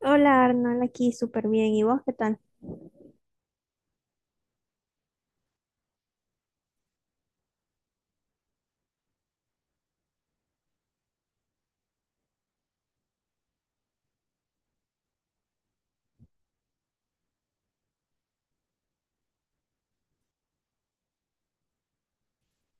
Hola Arnold, aquí súper bien. ¿Y vos qué tal?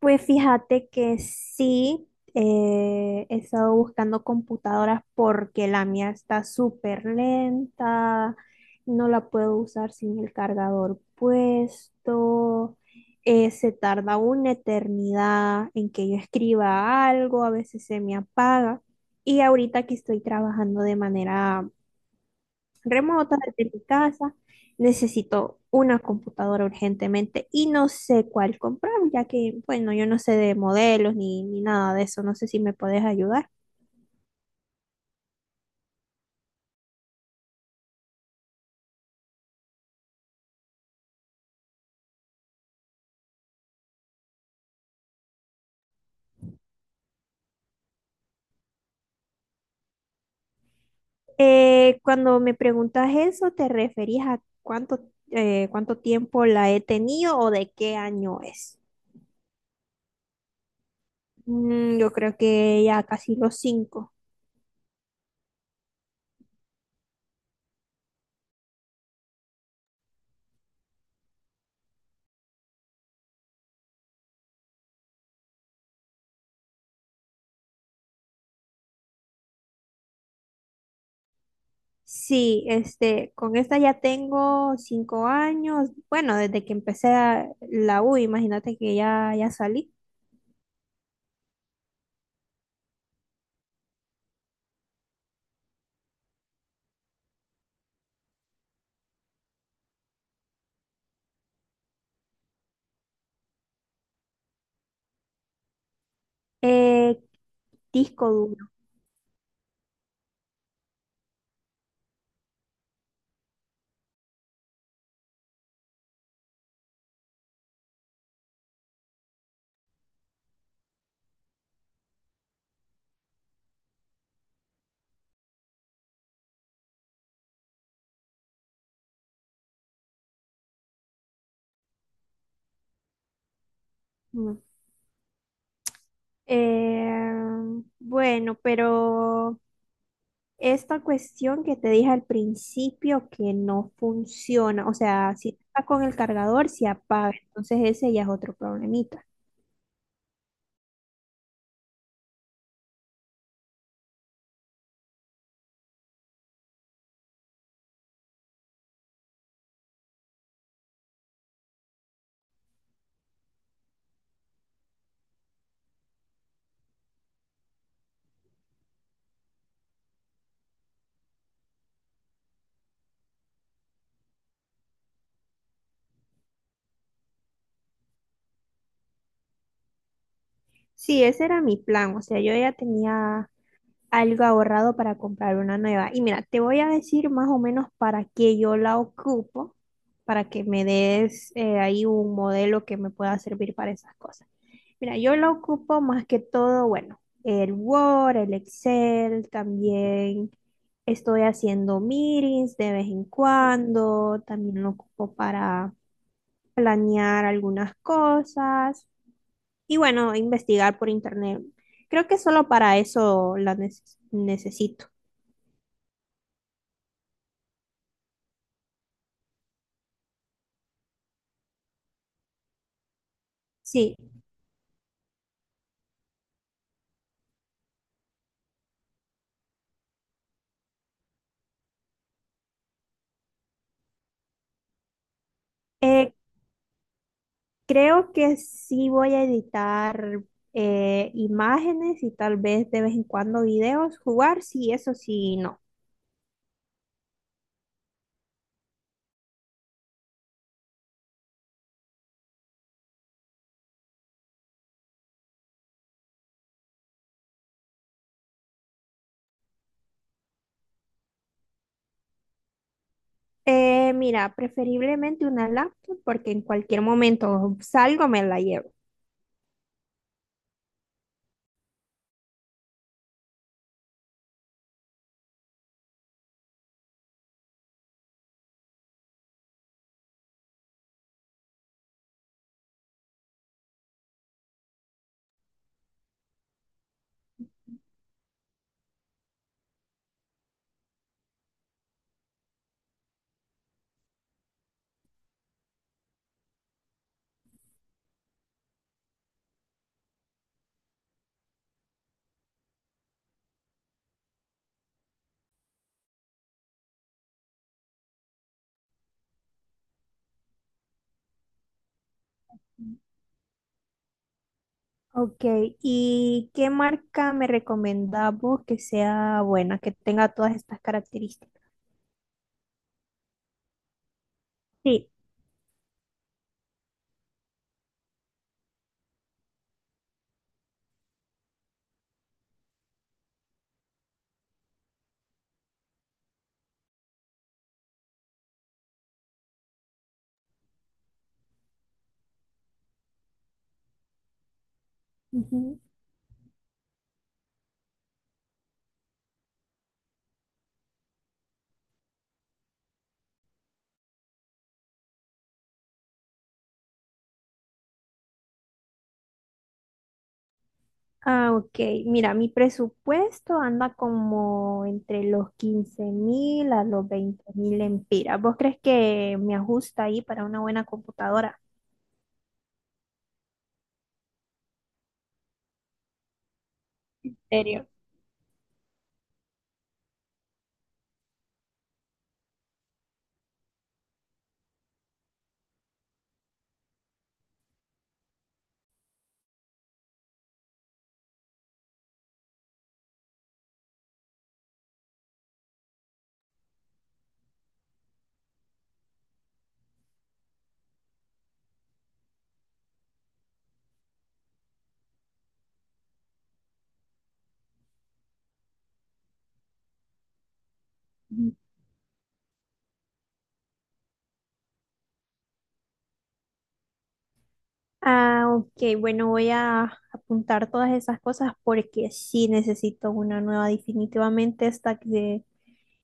Pues fíjate que sí, he estado buscando computadoras porque la mía está súper lenta, no la puedo usar sin el cargador puesto, se tarda una eternidad en que yo escriba algo, a veces se me apaga y ahorita que estoy trabajando de manera remota desde mi casa. Necesito una computadora urgentemente y no sé cuál comprar, ya que, bueno, yo no sé de modelos ni nada de eso. No sé si me puedes ayudar. Cuando me preguntas eso, ¿te referías a cuánto, cuánto tiempo la he tenido o de qué año es? Mm, yo creo que ya casi los cinco. Sí, este, con esta ya tengo 5 años, bueno, desde que la U, imagínate que ya, ya salí. Eh, disco duro. mm. Eh, bueno, pero esta cuestión que te dije al principio que no funciona, o sea, si está con el cargador, se apaga, entonces ese ya es otro problemita. Sí, ese era mi plan, o sea, yo ya tenía algo ahorrado para comprar una nueva. Y mira, te voy a decir más o menos para qué yo la ocupo, para que me des ahí un modelo que me pueda servir para esas cosas. Mira, yo la ocupo más que todo, bueno, el Word, el Excel, también estoy haciendo meetings de vez en cuando, también lo ocupo para planear algunas cosas y bueno, investigar por internet. Creo que solo para eso la necesito. Sí, eh, creo que sí voy a editar imágenes y tal vez de vez en cuando videos, jugar, sí, eso sí, no. Mira, preferiblemente una laptop porque en cualquier momento salgo, me la llevo. Ok, ¿y qué marca me recomendás vos que sea buena, que tenga todas estas características? Sí. Ah, ok. Mira, mi presupuesto anda como entre los 15.000 a los 20.000 lempiras. ¿Vos crees que me ajusta ahí para una buena computadora? ¿En serio? Ujú. Ah, ok. Bueno, voy a apuntar todas esas cosas porque sí necesito una nueva. Definitivamente esta que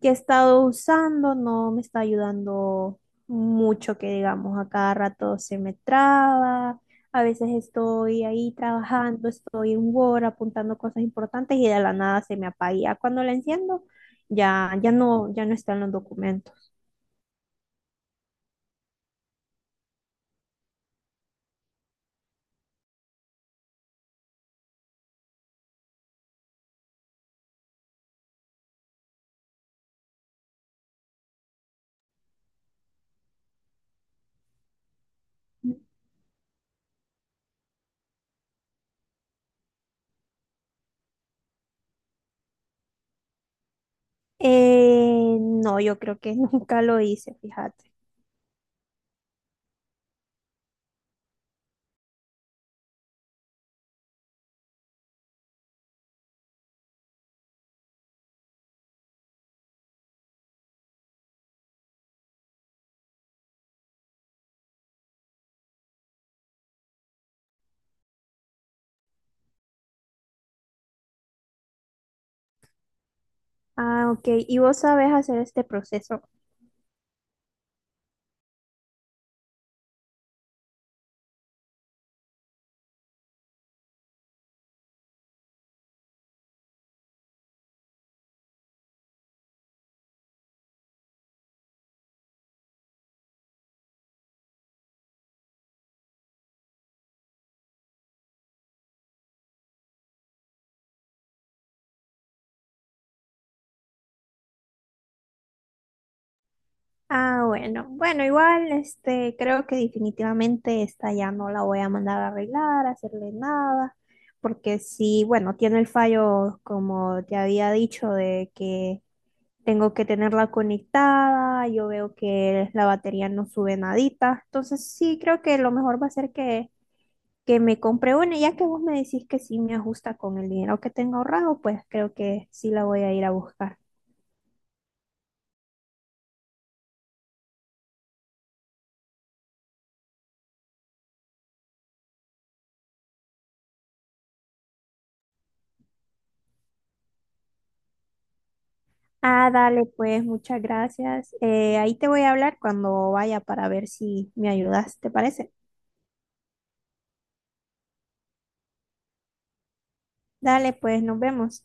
que he estado usando no me está ayudando mucho, que digamos, a cada rato se me traba. A veces estoy ahí trabajando, estoy en Word apuntando cosas importantes y de la nada se me apaga. Y ya cuando la enciendo, ya no, ya no están los documentos. No, yo creo que nunca lo hice, fíjate. Ah, ok. ¿Y vos sabés hacer este proceso? Ah, bueno. Bueno, igual, este, creo que definitivamente esta ya no la voy a mandar a arreglar, a hacerle nada, porque sí, bueno, tiene el fallo, como te había dicho, de que tengo que tenerla conectada, yo veo que la batería no sube nadita. Entonces sí, creo que lo mejor va a ser que me compre una. Ya que vos me decís que sí me ajusta con el dinero que tengo ahorrado, pues creo que sí la voy a ir a buscar. Ah, dale, pues muchas gracias. Ahí te voy a hablar cuando vaya para ver si me ayudas, ¿te parece? Dale, pues nos vemos.